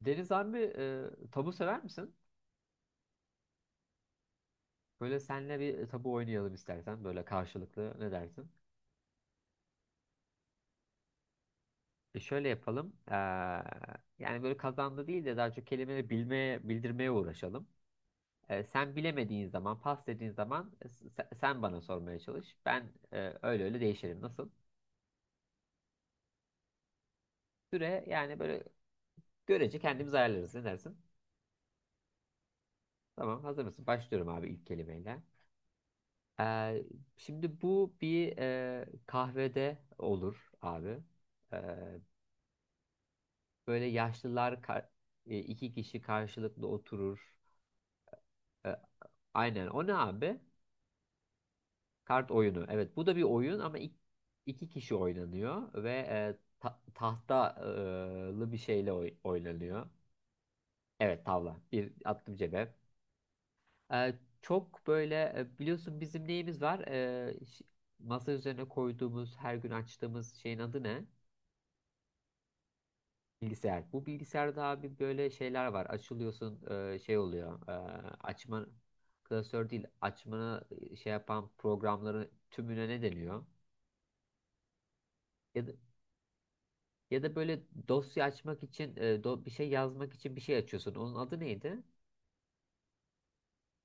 Deniz abi tabu sever misin? Böyle senle bir tabu oynayalım istersen böyle karşılıklı ne dersin? E şöyle yapalım. Yani böyle kazandı değil de daha çok kelimeleri bilmeye, bildirmeye uğraşalım. E, sen bilemediğin zaman, pas dediğin zaman sen bana sormaya çalış. Ben öyle öyle değişirim. Nasıl? Süre yani böyle görece kendimiz ayarlarız. Ne dersin? Tamam, hazır mısın? Başlıyorum abi ilk kelimeyle. Eee, şimdi bu bir kahvede olur abi. Ee, Böyle iki kişi karşılıklı oturur. E, Aynen. O ne abi? Kart oyunu. Evet, bu da bir oyun ama iki kişi oynanıyor ve tahtalı bir şeyle oynanıyor. Evet, tavla. Bir attım cebe. E, Çok böyle biliyorsun bizim neyimiz var? Masa üzerine koyduğumuz, her gün açtığımız şeyin adı ne? Bilgisayar. Bu bilgisayarda abi böyle şeyler var. Açılıyorsun şey oluyor. Açma klasör değil. Açmana şey yapan programların tümüne ne deniyor? Ya da, ya da böyle dosya açmak için bir şey yazmak için bir şey açıyorsun. Onun adı neydi?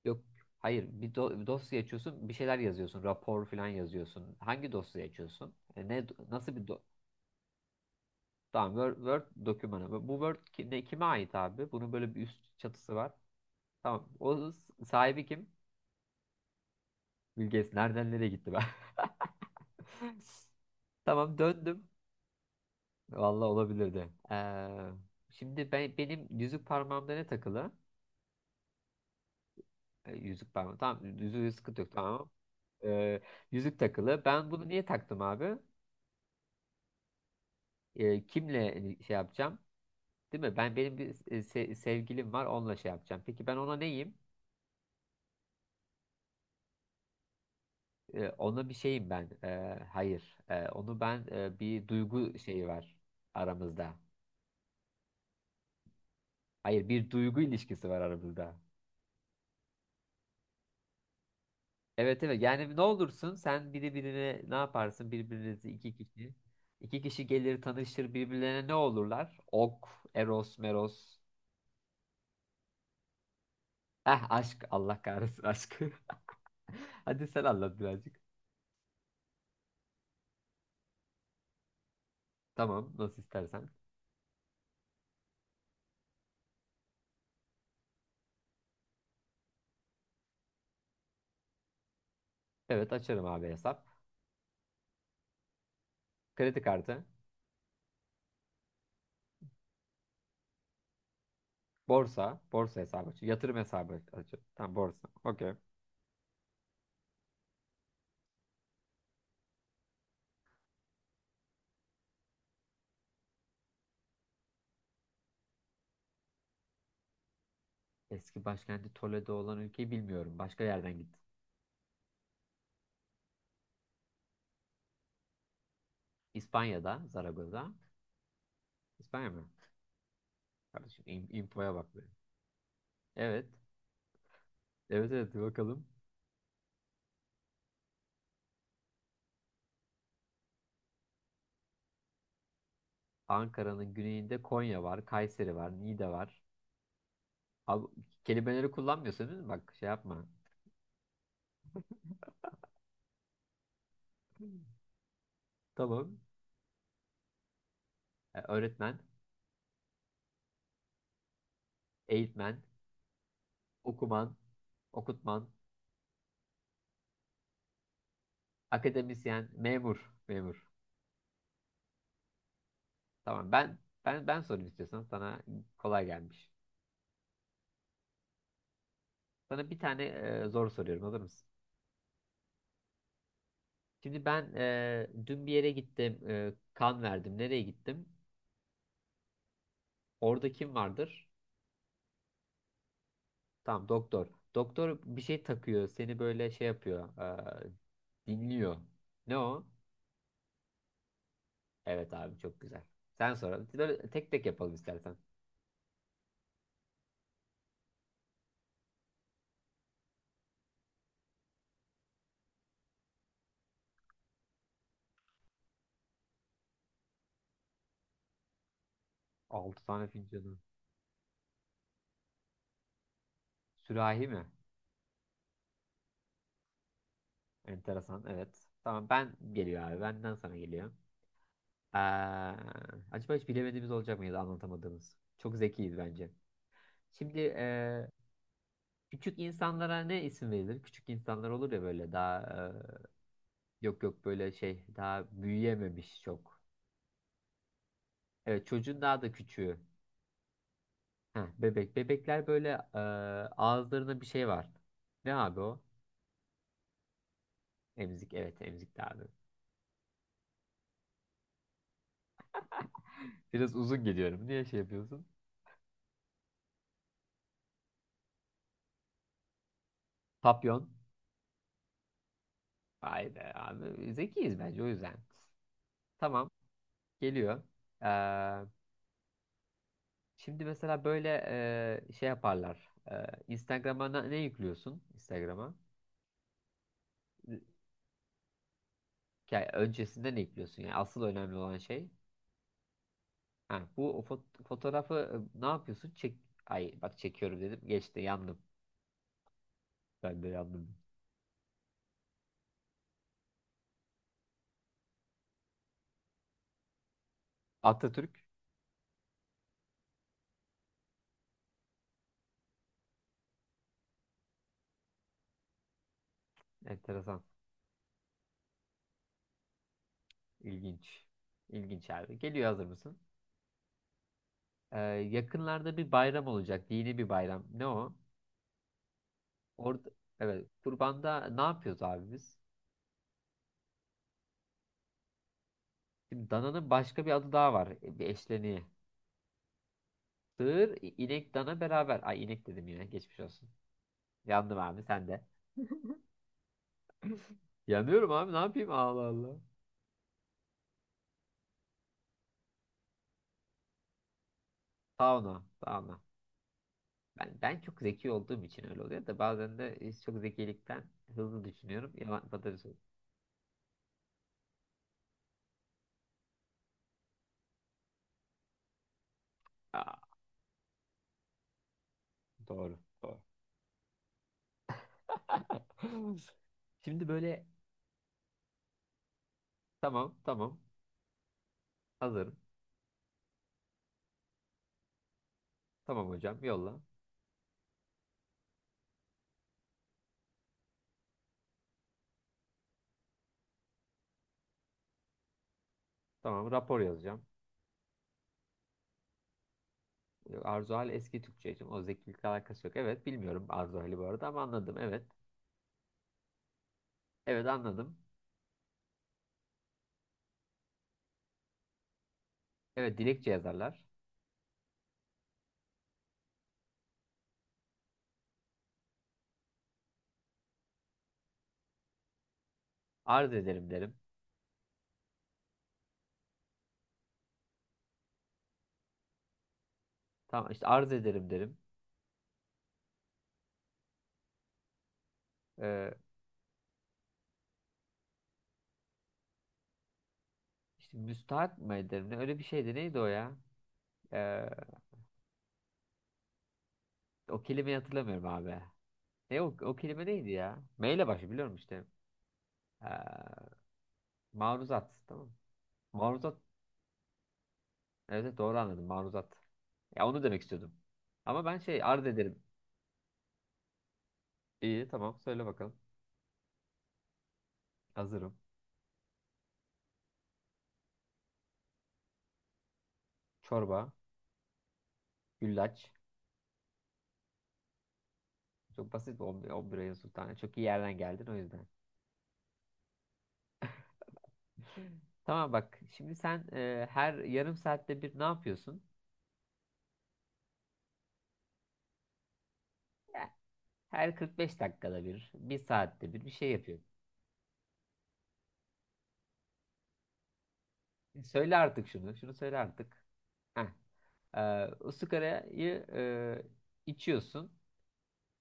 Yok. Hayır. Bir dosya açıyorsun. Bir şeyler yazıyorsun. Rapor falan yazıyorsun. Hangi dosya açıyorsun? Ne nasıl bir do. Tamam. Word, Word dokümanı. Bu Word ne, kime ait abi? Bunun böyle bir üst çatısı var. Tamam. O sahibi kim? Bilges nereden nereye gitti ben? Tamam döndüm. Vallahi olabilirdi. Şimdi ben benim yüzük parmağımda ne takılı? Yüzük parmağı. Tamam yüzüğü sıkıntı yok tamam. Ee, yüzük takılı. Ben bunu niye taktım abi? Kimle şey yapacağım? Değil mi? Ben benim bir sevgilim var onunla şey yapacağım. Peki ben ona neyim? Ona bir şeyim ben. Hayır. Onu ben bir duygu şeyi var aramızda. Hayır bir duygu ilişkisi var aramızda. Evet evet yani ne olursun sen biri birine ne yaparsın birbirinizi iki kişi. İki kişi gelir tanışır birbirlerine ne olurlar? Ok, Eros, Meros. Eh aşk Allah kahretsin aşk. Hadi sen anlat birazcık. Tamam nasıl istersen. Evet açarım abi hesap. Kredi kartı. Borsa. Borsa hesabı açıyorum. Yatırım hesabı açıyorum. Tamam borsa. Okey. Eski başkenti Toledo olan ülkeyi bilmiyorum. Başka yerden gittim. İspanya'da, Zaragoz'a. İspanya mı? Kardeşim infoya bak be. Evet. Evet evet bir bakalım. Ankara'nın güneyinde Konya var, Kayseri var, Niğde var. Abi, kelimeleri kullanmıyorsun değil mi? Bak şey yapma. Tamam. Öğretmen, eğitmen, okuman, okutman, akademisyen, memur. Tamam ben sorayım istiyorsan sana kolay gelmiş. Sana bir tane zor soruyorum hazır mısın? Şimdi ben dün bir yere gittim, kan verdim. Nereye gittim? Orada kim vardır? Tamam doktor. Doktor bir şey takıyor. Seni böyle şey yapıyor. e, dinliyor. Ne o? Evet abi çok güzel. Sen sonra böyle tek tek yapalım istersen. 6 tane fincanı. Sürahi mi? Enteresan. Evet. Tamam ben geliyor abi. Benden sana geliyor. Ee, acaba hiç bilemediğimiz olacak mıydı anlatamadığımız? Çok zekiyiz bence. Şimdi küçük insanlara ne isim verilir? Küçük insanlar olur ya böyle daha yok yok böyle şey daha büyüyememiş çok. Evet çocuğun daha da küçüğü. Heh, bebek. Bebekler böyle e, ağızlarında bir şey var. Ne abi o? Emzik. Evet emzik abi. Biraz uzun geliyorum. Niye şey yapıyorsun? Papyon. Vay be abi. Zekiyiz bence o yüzden. Tamam. Geliyor. Ee, şimdi mesela böyle şey yaparlar. Instagram'a ne yüklüyorsun? Instagram'a. Hikaye- Öncesinde ne yüklüyorsun? Yani asıl önemli olan şey. Ha, bu fotoğrafı ne yapıyorsun? Çek. Ay bak çekiyorum dedim. Geçti yandım. Ben de yandım. Atatürk. Enteresan. İlginç. İlginç abi. Geliyor hazır mısın? Yakınlarda bir bayram olacak. Dini bir bayram. Ne o? Orada evet. Kurbanda ne yapıyoruz abi biz? Şimdi dananın başka bir adı daha var. Bir eşleniği. Sığır, inek, dana beraber. Ay inek dedim yine. Geçmiş olsun. Yandım abi sen de. Yanıyorum abi. Ne yapayım? Allah Allah. Sauna. Sauna. Ben çok zeki olduğum için öyle oluyor da bazen de çok zekilikten hızlı düşünüyorum. Yaman patates oluyor. Aa. Doğru. Doğru. Şimdi böyle tamam hazırım. Tamam hocam yolla. Tamam rapor yazacağım. Arzu hal eski Türkçe için. O zekilikle alakası yok. Evet bilmiyorum Arzu hali bu arada ama anladım. Evet. Evet anladım. Evet dilekçe yazarlar. Arz ederim derim. Tamam işte arz ederim derim. Ee, işte müstahak mı ederim ne? Öyle bir şeydi. Neydi o ya? Ee, O kelimeyi hatırlamıyorum abi. Ne o, o kelime neydi ya? M ile başlıyor biliyorum işte. Ee, maruzat. Tamam. Maruzat. Evet evet, doğru anladım. Maruzat. Ya onu demek istiyordum. Ama ben şey arz ederim. İyi tamam söyle bakalım. Hazırım. Çorba. Güllaç. Çok basit 11 ayın sultanı. Çok iyi yerden geldin o yüzden. Tamam bak. Şimdi sen her yarım saatte bir ne yapıyorsun? Eh, Her 45 dakikada bir saatte bir şey yapıyorsun. Söyle artık şunu. Şunu söyle artık. Heh. O sigarayı içiyorsun.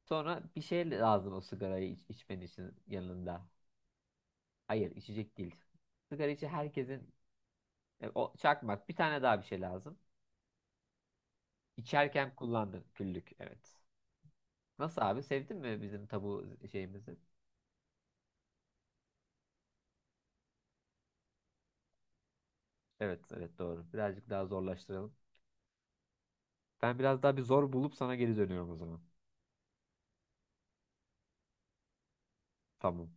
Sonra bir şey lazım o sigarayı içmen için yanında. Hayır, içecek değil. Sigara içi herkesin o çakmak bir tane daha bir şey lazım. İçerken kullandın küllük. Evet. Nasıl abi? Sevdin mi bizim tabu şeyimizi? Evet, evet doğru. Birazcık daha zorlaştıralım. Ben biraz daha bir zor bulup sana geri dönüyorum o zaman. Tamam.